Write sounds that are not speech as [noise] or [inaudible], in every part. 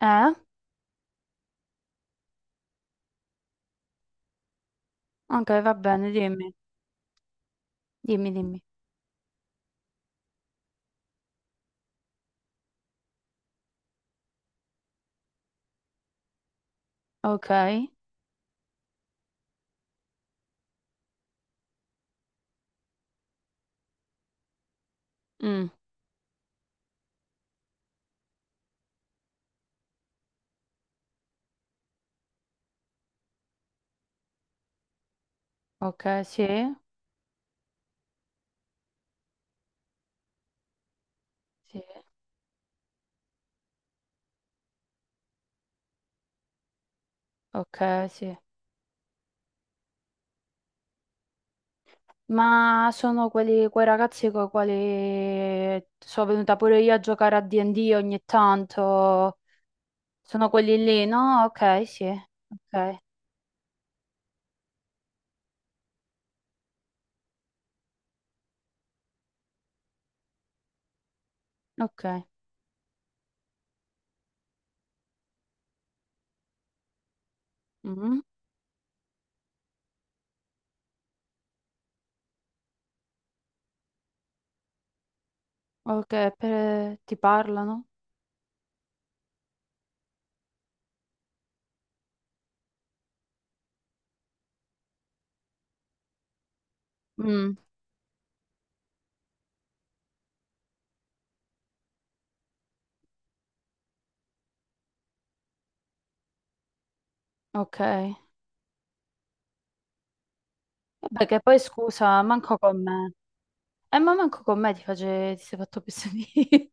Eh? Ok, va bene, dimmi, dimmi, dimmi. Ok. Mm. Ok, sì. Sì, ok, sì. Ma sono quelli, quei ragazzi con i quali sono venuta pure io a giocare a D&D ogni tanto. Sono quelli lì, no? Ok, sì. Ok, ok. Mm. Ok, ti parlano? Mm, ok. Vabbè, che poi scusa, manco con me. Ma manco con me ti sei fatto pessimi [laughs]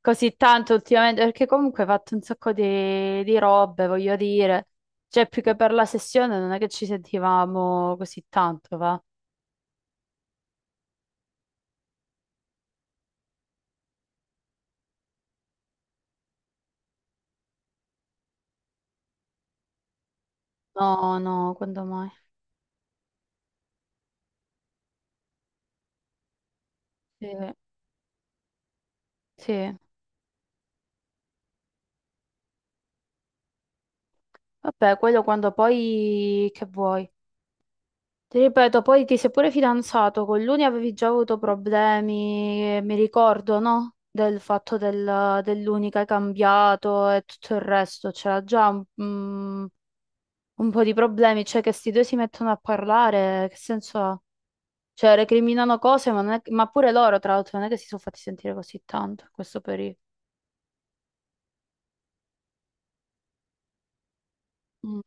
così tanto ultimamente, perché comunque hai fatto un sacco di robe, voglio dire. Cioè, più che per la sessione non è che ci sentivamo così tanto, va? No, no, quando mai? Sì, sì. Vabbè, quello quando poi che vuoi. Ti ripeto, poi ti sei pure fidanzato, con l'Uni avevi già avuto problemi, mi ricordo, no? Del fatto dell'Uni che hai cambiato e tutto il resto, c'era già un un po' di problemi, cioè che sti due si mettono a parlare, che senso ha? Cioè, recriminano cose, ma, non è- ma pure loro, tra l'altro, non è che si sono fatti sentire così tanto in questo periodo. Mm.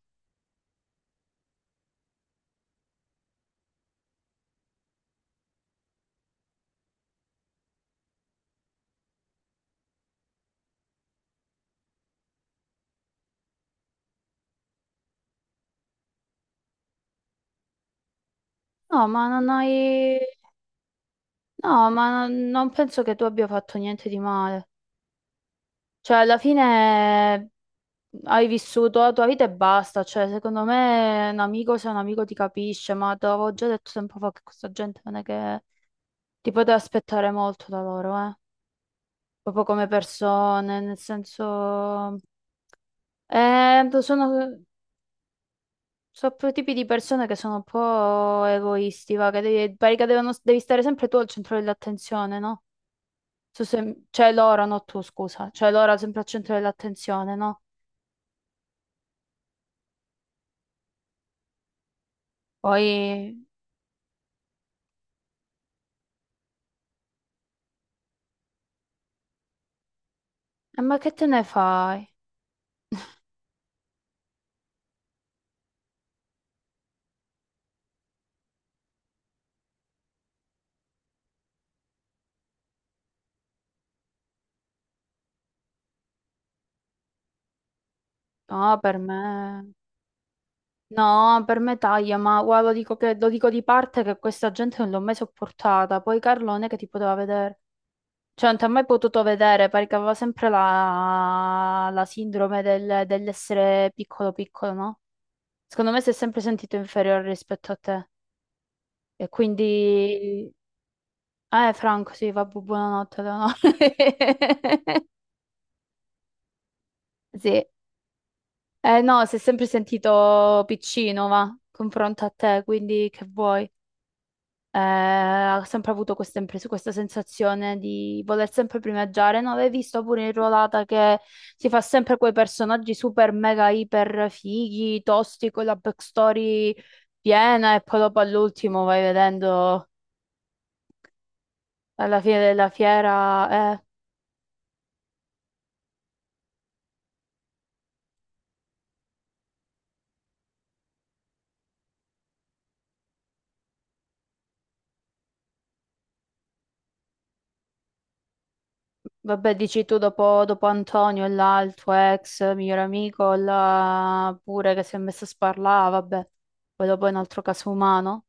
No, ma non hai... No, ma non penso che tu abbia fatto niente di male. Cioè, alla fine hai vissuto la tua vita e basta. Cioè, secondo me un amico se un amico ti capisce, ma te l'avevo già detto tempo fa che questa gente non è che ti poteva aspettare molto da loro, eh. Proprio come persone, nel senso... sono, so quei tipi di persone che sono un po' egoisti, va, che devi, pare devi stare sempre tu al centro dell'attenzione, no? Cioè loro, no tu, scusa, cioè loro sempre al centro dell'attenzione, no? Poi, ma che te ne fai? No, per me, no, per me taglia, ma guarda, lo dico, lo dico di parte che questa gente non l'ho mai sopportata, poi Carlone che ti poteva vedere. Cioè, non ti ha mai potuto vedere perché aveva sempre la sindrome dell'essere piccolo piccolo, no? Secondo me si è sempre sentito inferiore rispetto a te. E quindi... Franco, sì, vabbè, buonanotte, Leonora. [laughs] Sì. No, si è sempre sentito piccino, va, confronto a te, quindi che vuoi? Ha sempre avuto questa sensazione di voler sempre primeggiare. Non l'hai visto pure in Ruolata che si fa sempre quei personaggi super mega iper fighi, tosti, con la backstory piena e poi dopo all'ultimo vai vedendo alla fine della fiera, vabbè, dici tu dopo Antonio e là il tuo ex miglior amico, là pure che si è messo a sparlare, vabbè, poi dopo è un altro caso umano.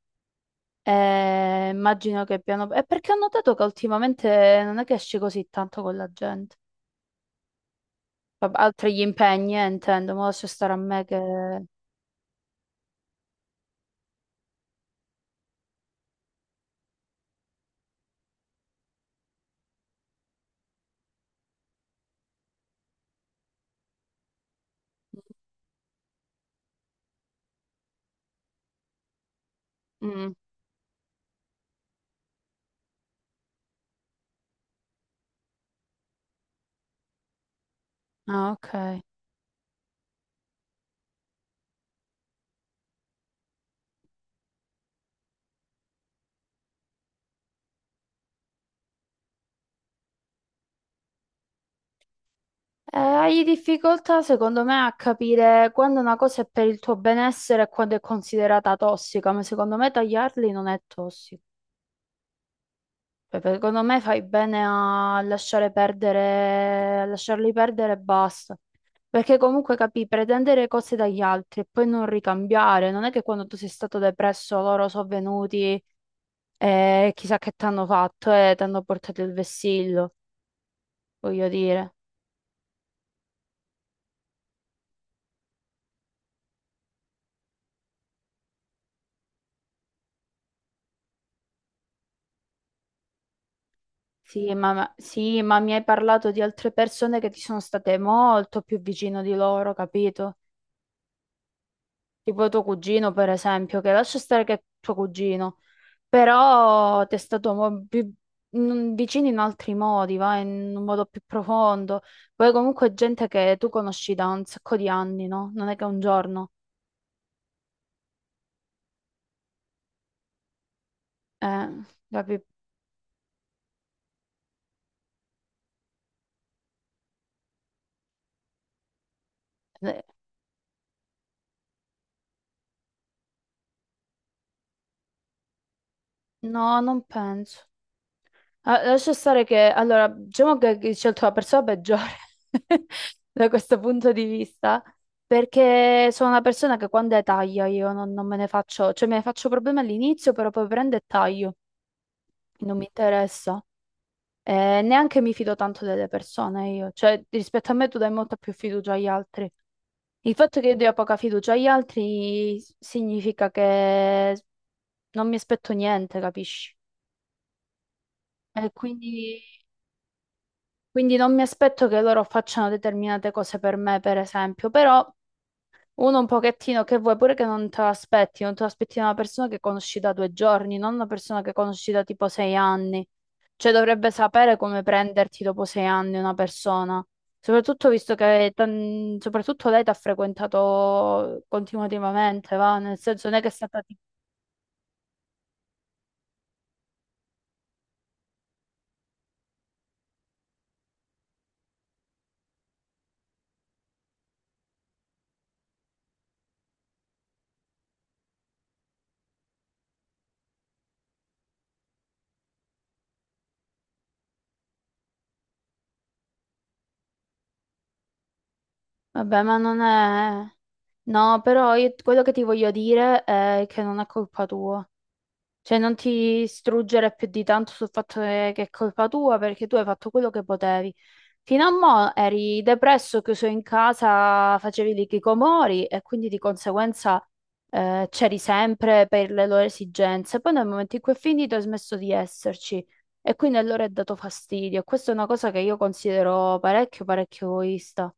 Immagino che piano... È perché ho notato che ultimamente non è che esci così tanto con la gente. Vabbè, altri gli impegni, intendo, ma lascia stare a me che... Mm. Ah, ok. Hai difficoltà, secondo me, a capire quando una cosa è per il tuo benessere e quando è considerata tossica, ma secondo me tagliarli non è tossico. Cioè, secondo me fai bene a lasciare perdere, a lasciarli perdere e basta. Perché comunque capì, pretendere cose dagli altri e poi non ricambiare, non è che quando tu sei stato depresso loro sono venuti e chissà che ti hanno fatto e ti hanno portato il vessillo, voglio dire. Sì, sì, ma mi hai parlato di altre persone che ti sono state molto più vicino di loro, capito? Tipo tuo cugino, per esempio, che lascia stare che è tuo cugino. Però testatomo più vicini in altri modi, va in un modo più profondo. Poi comunque è gente che tu conosci da un sacco di anni, no? Non è che un giorno. Eh, capi- eh, No, non penso. Ah, lascia stare che, allora, diciamo che hai scelto la persona peggiore [laughs] da questo punto di vista, perché sono una persona che quando è taglia io non me ne faccio, cioè me ne faccio problemi all'inizio, però poi prendo e taglio, non mi interessa. Neanche mi fido tanto delle persone io, cioè rispetto a me tu dai molta più fiducia agli altri. Il fatto che io dia poca fiducia agli altri significa che non mi aspetto niente, capisci? E quindi, quindi non mi aspetto che loro facciano determinate cose per me, per esempio, però uno un pochettino che vuoi pure che non te l'aspetti, non te l'aspetti da una persona che conosci da 2 giorni, non una persona che conosci da tipo 6 anni. Cioè dovrebbe sapere come prenderti dopo 6 anni una persona. Soprattutto visto soprattutto lei ti ha frequentato continuativamente, va? Nel senso non è che è stata tipo... Vabbè, ma non è.... No, quello che ti voglio dire è che non è colpa tua. Cioè, non ti struggere più di tanto sul fatto che è colpa tua perché tu hai fatto quello che potevi. Fino a mo' eri depresso, chiuso in casa, facevi i chicomori e quindi di conseguenza c'eri sempre per le loro esigenze. Poi nel momento in cui è finito hai smesso di esserci e quindi allora è dato fastidio. Questa è una cosa che io considero parecchio, parecchio egoista.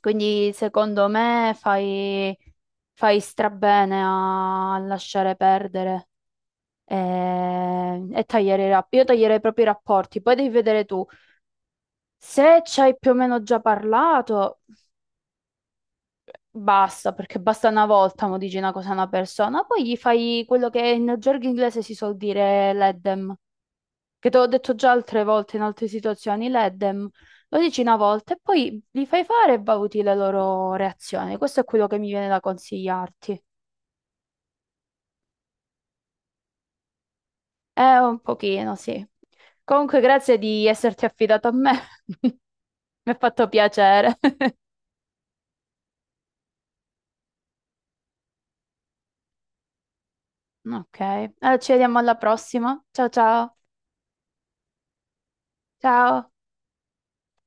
Quindi secondo me fai strabene a lasciare perdere, e tagliare i rapporti. Io taglierei proprio i rapporti, poi devi vedere tu. Se ci hai più o meno già parlato, basta, perché basta una volta mo dici una cosa a una persona, poi gli fai quello che in gergo inglese si suol dire l'eddem, che te l'ho detto già altre volte in altre situazioni, l'eddem. Lo dici una volta e poi li fai fare e valuti le loro reazioni. Questo è quello che mi viene da consigliarti. Un pochino, sì. Comunque, grazie di esserti affidato a me. [laughs] Mi ha fatto piacere. [laughs] Ok, allora ci vediamo alla prossima. Ciao ciao. Ciao.